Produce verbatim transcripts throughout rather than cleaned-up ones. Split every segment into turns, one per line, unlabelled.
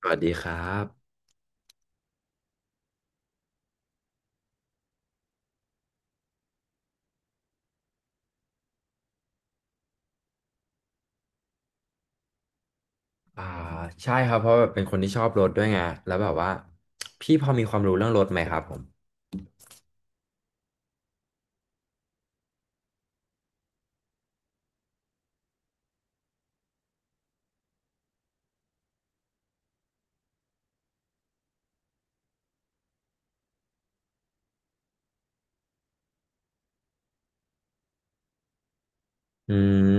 สวัสดีครับอ่าใช่ครับเพราะแบบเป็นคนที่ชอบรถด้วยไงแล้วแบบว่าพี่พอมีความรู้เรื่องรถไหมครับผมอืม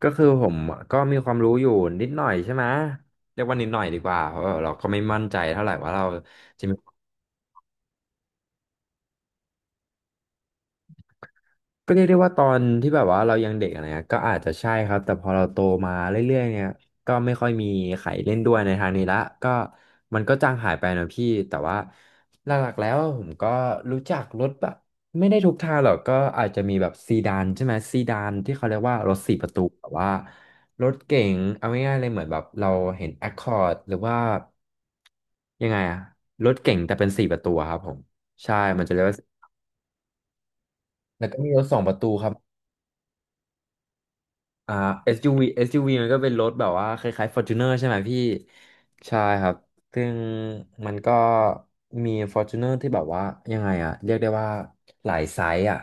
ก็คือผมก็มีความรู้อยู่นิดหน่อยใช่ไหมเรียกว่านิดหน่อยดีกว่าเพราะว่าเราก็ไม่มั่นใจเท่าไหร่ว่าเรา ก็เรียกได้ว่าตอนที่แบบว่าเรายังเด็กอะไรเงี้ยก็อาจจะใช่ครับแต่พอเราโตมาเรื่อยๆเนี่ยก็ไม่ค่อยมีใครเล่นด้วยในทางนี้ละก็มันก็จางหายไปนะพี่แต่ว่าหลักๆแล้วผมก็รู้จักรถแบบไม่ได้ทุกทางหรอกก็อาจจะมีแบบซีดานใช่ไหมซีดานที่เขาเรียกว่ารถสี่ประตูแบบว่ารถเก๋งเอาง่ายๆเลยเหมือนแบบเราเห็น Accord หรือว่ายังไงอะรถเก๋งแต่เป็นสี่ประตูอะครับผมใช่มันจะเรียกว่าแล้วก็มีรถสองประตูครับ อ่า เอส ยู วี ูวีเอสยูวีมันก็เป็นรถแบบว่าคล้ายๆ Fortuner ใช่ไหมพี่ใช่ครับซึ่งมันก็มี Fortuner ที่แบบว่ายังไงอะเรียกได้ว่าหลายไซส์อะ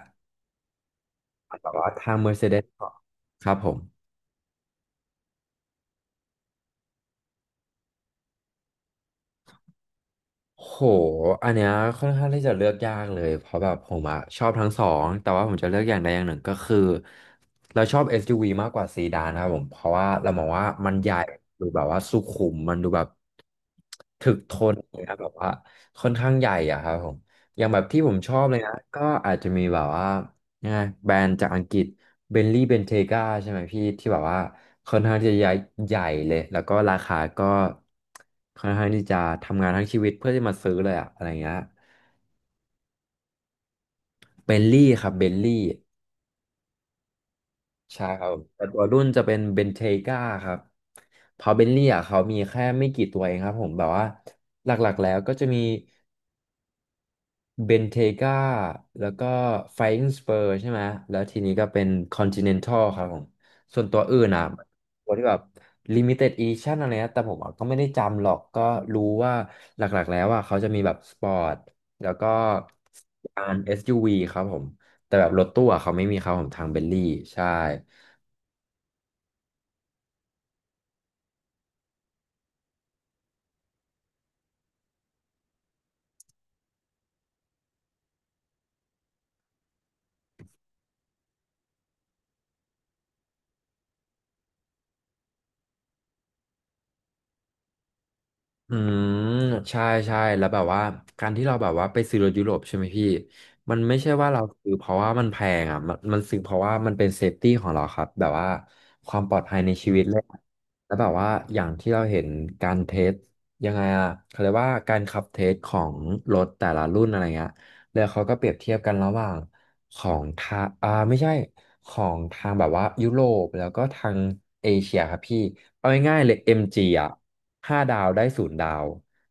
แบบว่าทาง Mercedes ก็ครับผม โหอันเนี้ยค่อนข้างที่จะเลือกยากเลยเพราะแบบผมอะชอบทั้งสองแต่ว่าผมจะเลือกอย่างใดอย่างหนึ่งก็คือเราชอบ เอส ยู วี มากกว่าซีดานครับผมเพราะว่าเรามองว่ามันใหญ่ดูแบบว่าสุขุมมันดูแบบถึกทนนะแบบว่าค่อนข้างใหญ่อะครับผมอย่างแบบที่ผมชอบเลยนะก็อาจจะมีแบบว่ายังไงแบรนด์จากอังกฤษ เบนลี่เบนเทกาใช่ไหมพี่ที่แบบว่าค่อนข้างที่จะใหญ่ใหญ่เลยแล้วก็ราคาก็ค่อนข้างที่จะทำงานทั้งชีวิตเพื่อที่มาซื้อเลยอะอะไรเงี้ยเบนลี่ครับเบนลี่ใช่ครับแต่ตัวรุ่นจะเป็นเบนเทกาครับเพราะเบนลี่อะเขามีแค่ไม่กี่ตัวเองครับผมแบบว่าหลักๆแล้วก็จะมี เบนเทกาแล้วก็ไฟอิงสเปอร์ใช่ไหมแล้วทีนี้ก็เป็นคอนติเนนทัลครับผมส่วนตัวอื่นอ่ะตัวที่แบบลิมิเต็ดอีดิชั่นอะไรนะแต่ผมอะก็ไม่ได้จำหรอกก็รู้ว่าหลักๆแล้วอ่ะเขาจะมีแบบสปอร์ตแล้วก็การ เอส ยู วี ครับผมแต่แบบรถตู้อะเขาไม่มีครับผมทางเบลลี่ใช่ อืมใช่ใช่แล้วแบบว่าการที่เราแบบว่าไปซื้อรถยุโรปใช่ไหมพี่มันไม่ใช่ว่าเราซื้อเพราะว่ามันแพงอ่ะมันมันซื้อเพราะว่ามันเป็นเซฟตี้ของเราครับแบบว่าความปลอดภัยในชีวิตเลยอะแล้วแบบว่าอย่างที่เราเห็นการเทสยังไงอ่ะเขาเรียกว่าการขับเทสของรถแต่ละรุ่นอะไรเงี้ยแล้วเขาก็เปรียบเทียบกันระหว่างของทางอ่าไม่ใช่ของทางแบบว่ายุโรปแล้วก็ทางเอเชียครับพี่เอาง่ายๆเลยเอ็มจีอ่ะ ห้าดาวได้ศูนย์ดาว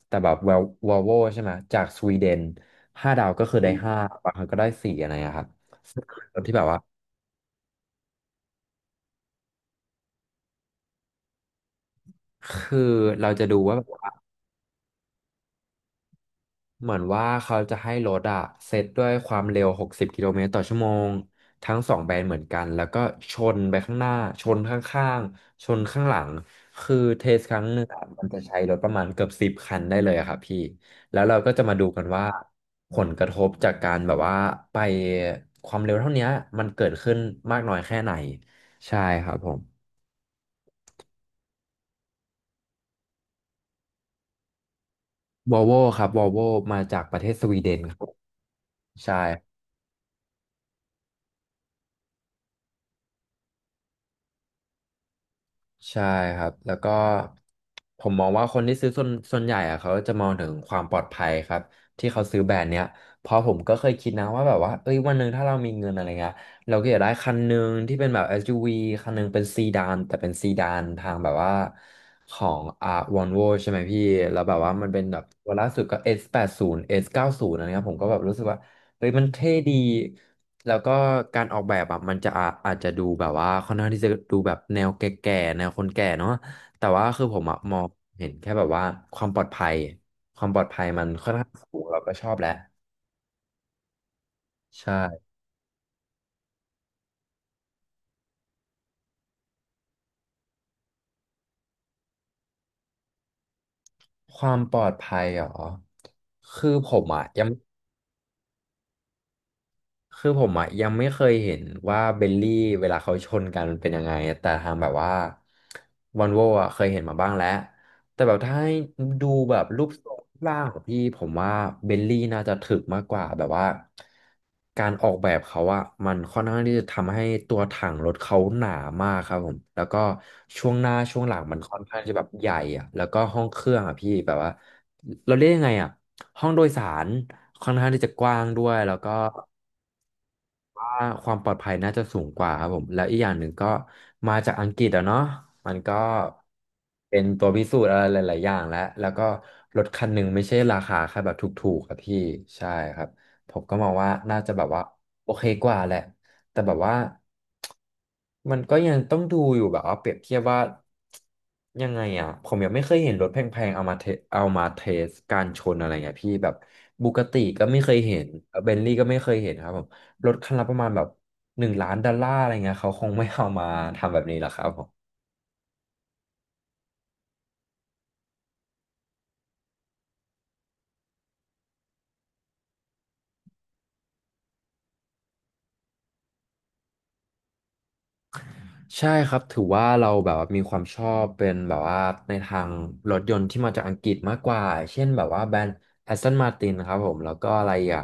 แต่แบบววอลโวใช่ไหมจากสวีเดนห้าดาวก็คือได้ห้าบางครั้งก็ได้สี่อะไรอะครับซึ่งรถที่แบบว่าคือเราจะดูว่า เหมือนว่าเขาจะให้รถอะเซตด้วยความเร็วหกสิบกสิบกิโลเมตรต่อชั่วโมงทั้งสองแบรนด์เหมือนกันแล้วก็ชนไปข้างหน้าชนข้างๆชนข้างหลังคือเทสครั้งหนึ่งอะมันจะใช้รถประมาณเกือบสิบคันได้เลยอะครับพี่แล้วเราก็จะมาดูกันว่าผลกระทบจากการแบบว่าไปความเร็วเท่าเนี้ยมันเกิดขึ้นมากน้อยแค่ไหนใช่ครับผมวอลโวครับวอลโวมาจากประเทศสวีเดนครับใช่ ใช่ครับแล้วก็ผมมองว่าคนที่ซื้อส่วนส่วนใหญ่อะเขาจะมองถึงความปลอดภัยครับที่เขาซื้อแบรนด์เนี้ยเพราะผมก็เคยคิดนะว่าแบบว่าเอ้ยวันหนึ่งถ้าเรามีเงินอะไรเงี้ยเราก็อยากได้คันหนึ่งที่เป็นแบบ เอส ยู วี คันหนึ่งเป็นซีดานแต่เป็นซีดานทางแบบว่าของอ่าวอลโวใช่ไหมพี่แล้วแบบว่ามันเป็นแบบตัวล่าสุดก็ เอส แปดสิบ สเก้า ศูนย์อสเก้าสิบอะไรเงี้ยผมก็แบบรู้สึกว่าเฮ้ยมันเท่ดี แล้วก็การออกแบบอ่ะมันจะอาอาจจะดูแบบว่าค่อนข้างที่จะดูแบบแนวแก่ๆแนวคนแก่เนาะแต่ว่าคือผมอะมองเห็นแค่แบบว่าความปลอดภัยความปลอดภัยมันค่อนข้างสูงเราก็ชอบแหละใช่ความปลอดภัยเหรอคือผมอ่ะยัง คือผมอ่ะยังไม่เคยเห็นว่าเบลลี่เวลาเขาชนกันมันเป็นยังไงแต่ทางแบบว่าวอนโวอ่ะเคยเห็นมาบ้างแล้วแต่แบบถ้าให้ดูแบบรูปทรงรูปร่างของพี่ผมว่าเบลลี่น่าจะถึกมากกว่าแบบว่าการออกแบบเขาอ่ะมันค่อนข้างที่จะทำให้ตัวถังรถเขาหนามากครับผมแล้วก็ช่วงหน้าช่วงหลังมันค่อนข้างจะแบบใหญ่อ่ะแล้วก็ห้องเครื่องอ่ะพี่แบบว่าเราเรียกยังไงอ่ะห้องโดยสารค่อนข้างที่จะกว้างด้วยแล้วก็ ว่าความปลอดภัยน่าจะสูงกว่าครับผมแล้วอีกอย่างหนึ่งก็มาจากอังกฤษอะเนาะมันก็เป็นตัวพิสูจน์อะไรหลายๆอย่างแล้วแล้วก็รถคันหนึ่งไม่ใช่ราคาแค่แบบถูกๆอะพี่ใช่ครับผมก็มองว่าน่าจะแบบว่าโอเคกว่าแหละแต่แบบว่ามันก็ยังต้องดูอยู่แบบว่าเปรียบเทียบว่ายังไงอ่ะผมยังไม่เคยเห็นรถแพงๆเอามาเทเอามาเทสการชนอะไรเงี้ยพี่แบบบูกติก็ไม่เคยเห็นเบนลี่ก็ไม่เคยเห็นครับผม รถคันละประมาณแบบหนึ่งล้านดอลลาร์อะไรเงี้ยเขาคงไม่เอามาทำแบบนี้หรอกครับผมใช่ครับถือว่าเราแบบว่ามีความชอบเป็นแบบว่าในทางรถยนต์ที่มาจากอังกฤษมากกว่าเช่นแบบว่าแบรนด์ Aston Martin นะครับผมแล้วก็อะไรอ่ะ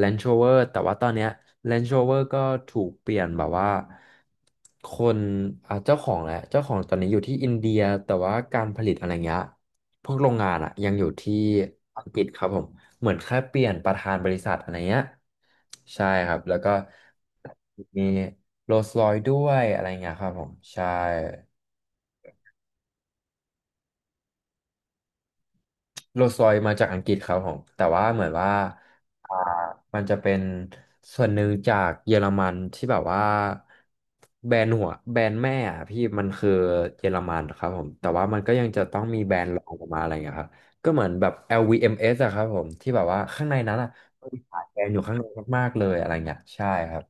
Range Rover แต่ว่าตอนเนี้ย Range Rover ก็ถูกเปลี่ยนแบบว่าคนอ่ะเจ้าของแหละเจ้าของตอนนี้อยู่ที่อินเดียแต่ว่าการผลิตอะไรเงี้ย พวกโรงงานอะยังอยู่ที่อังกฤษครับผมเหมือนแค่เปลี่ยนประธานบริษัทอะไรเงี้ยใช่ครับแล้วก็มีโรลส์รอยซ์ด้วยอะไรเงี้ยครับผมใช่ โรลส์รอยซ์มาจากอังกฤษครับผมแต่ว่าเหมือนว่าอ่ามันจะเป็นส่วนหนึ่งจากเยอรมันที่แบบว่าแบรนด์หัวแบรนด์แม่อะพี่มันคือเยอรมันครับผมแต่ว่ามันก็ยังจะต้องมีแบรนด์รองออกมาอะไรอย่างเงี้ยครับก็เหมือนแบบ แอล วี เอ็ม เอช อลวีเอ็มเอสอะครับผมที่แบบว่าข้างในนั้นอะมันมีขายแบรนด์อยู่ข้างในมากๆเลยอะไรเงี้ยใช่ครับ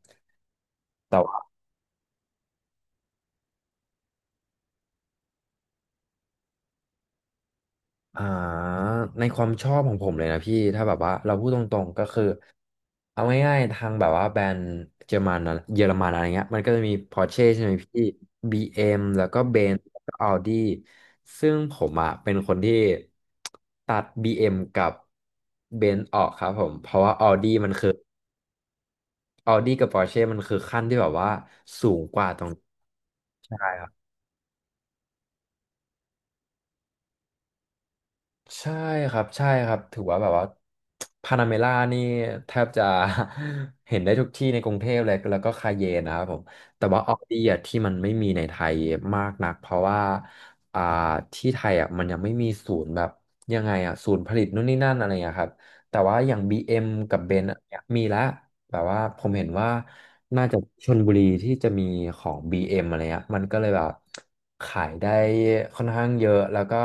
อ่าในความชอบของผมเลยนะพี่ถ้าแบบว่าเราพูดตรงๆก็คือเอาง่ายๆทางแบบว่าแบรนด์เยอรมันอะเยอรมันอะไรเงี้ยมันก็จะมี Porsche ใช่ไหมพี่ บี เอ็ม แล้วก็ Benz แล้วก็ Audi ซึ่งผมอ่ะเป็นคนที่ตัด บี เอ็ม กับ Benz ออกครับผมเพราะว่า Audi มันคือ Audi กับ Porsche มันคือขั้นที่แบบว่าสูงกว่าตรงใช่ครับ ใช่ครับใช่ครับถือว่าแบบว่าพานาเมล่านี่แทบจะ เห็นได้ทุกที่ในกรุงเทพเลยแล้วก็คาเยนนะครับผมแต่ว่าออดี้อะที่มันไม่มีในไทยมากนักเพราะว่าอ่าที่ไทยอ่ะมันยังไม่มีศูนย์แบบยังไงอ่ะศูนย์ผลิตนู่นนี่นั่นอะไรอย่างเงี้ยครับแต่ว่าอย่าง บี เอ็ม กับเบนซ์มีแล้ว แบบว่าผมเห็นว่าน่าจะชลบุรีที่จะมีของ บี เอ็ม อมอะไรเงี้ยมันก็เลยแบบขายได้ค่อนข้างเยอะแล้วก็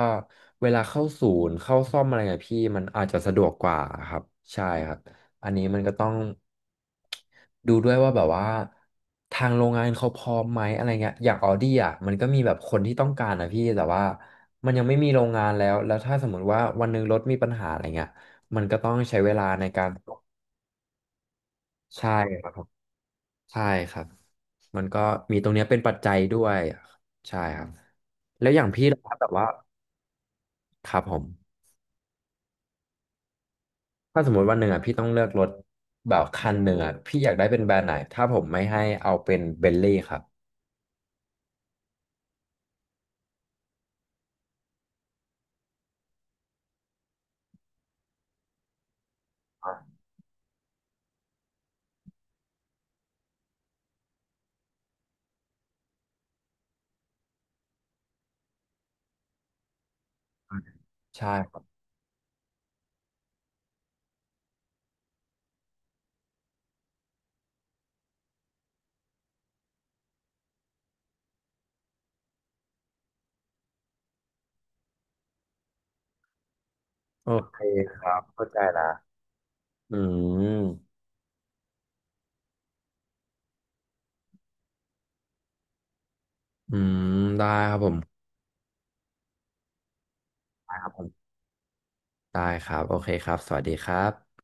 เวลาเข้าศูนย์เข้าซ่อมอะไรเงี้ยพี่มันอาจจะสะดวกกว่าครับใช่ครับอันนี้มันก็ต้องดูด้วยว่าแบบว่าทางโรงงานเขาพร้อมไหมอะไรเงี้ยอย่างออดี้อ่ะมันก็มีแบบคนที่ต้องการนะพี่แต่ว่ามันยังไม่มีโรงงานแล้วแล้วถ้าสมมติว่าวันหนึงรถมีปัญหาอะไรเงี้ยมันก็ต้องใช้เวลาในการใช่ครับ ใช่ครับมันก็มีตรงเนี้ยเป็นปัจจัยด้วยใช่ครับแล้วอย่างพี่ล่ะครับแบบว่าครับผมถ้าสมมติวันหนึ่งอ่ะพี่ต้องเลือกรถแบบคันหนึ่งอ่ะพี่อยากได้เป็นแบรนด์ไหนถ้าผมไม่ให้เอาเป็นเบนลี่ครับใช่ครับโอเคครับเข้าใจละอืมอืมได้ครับผมได้ครับผมได้ครับโอเคครับสวัสดีครับ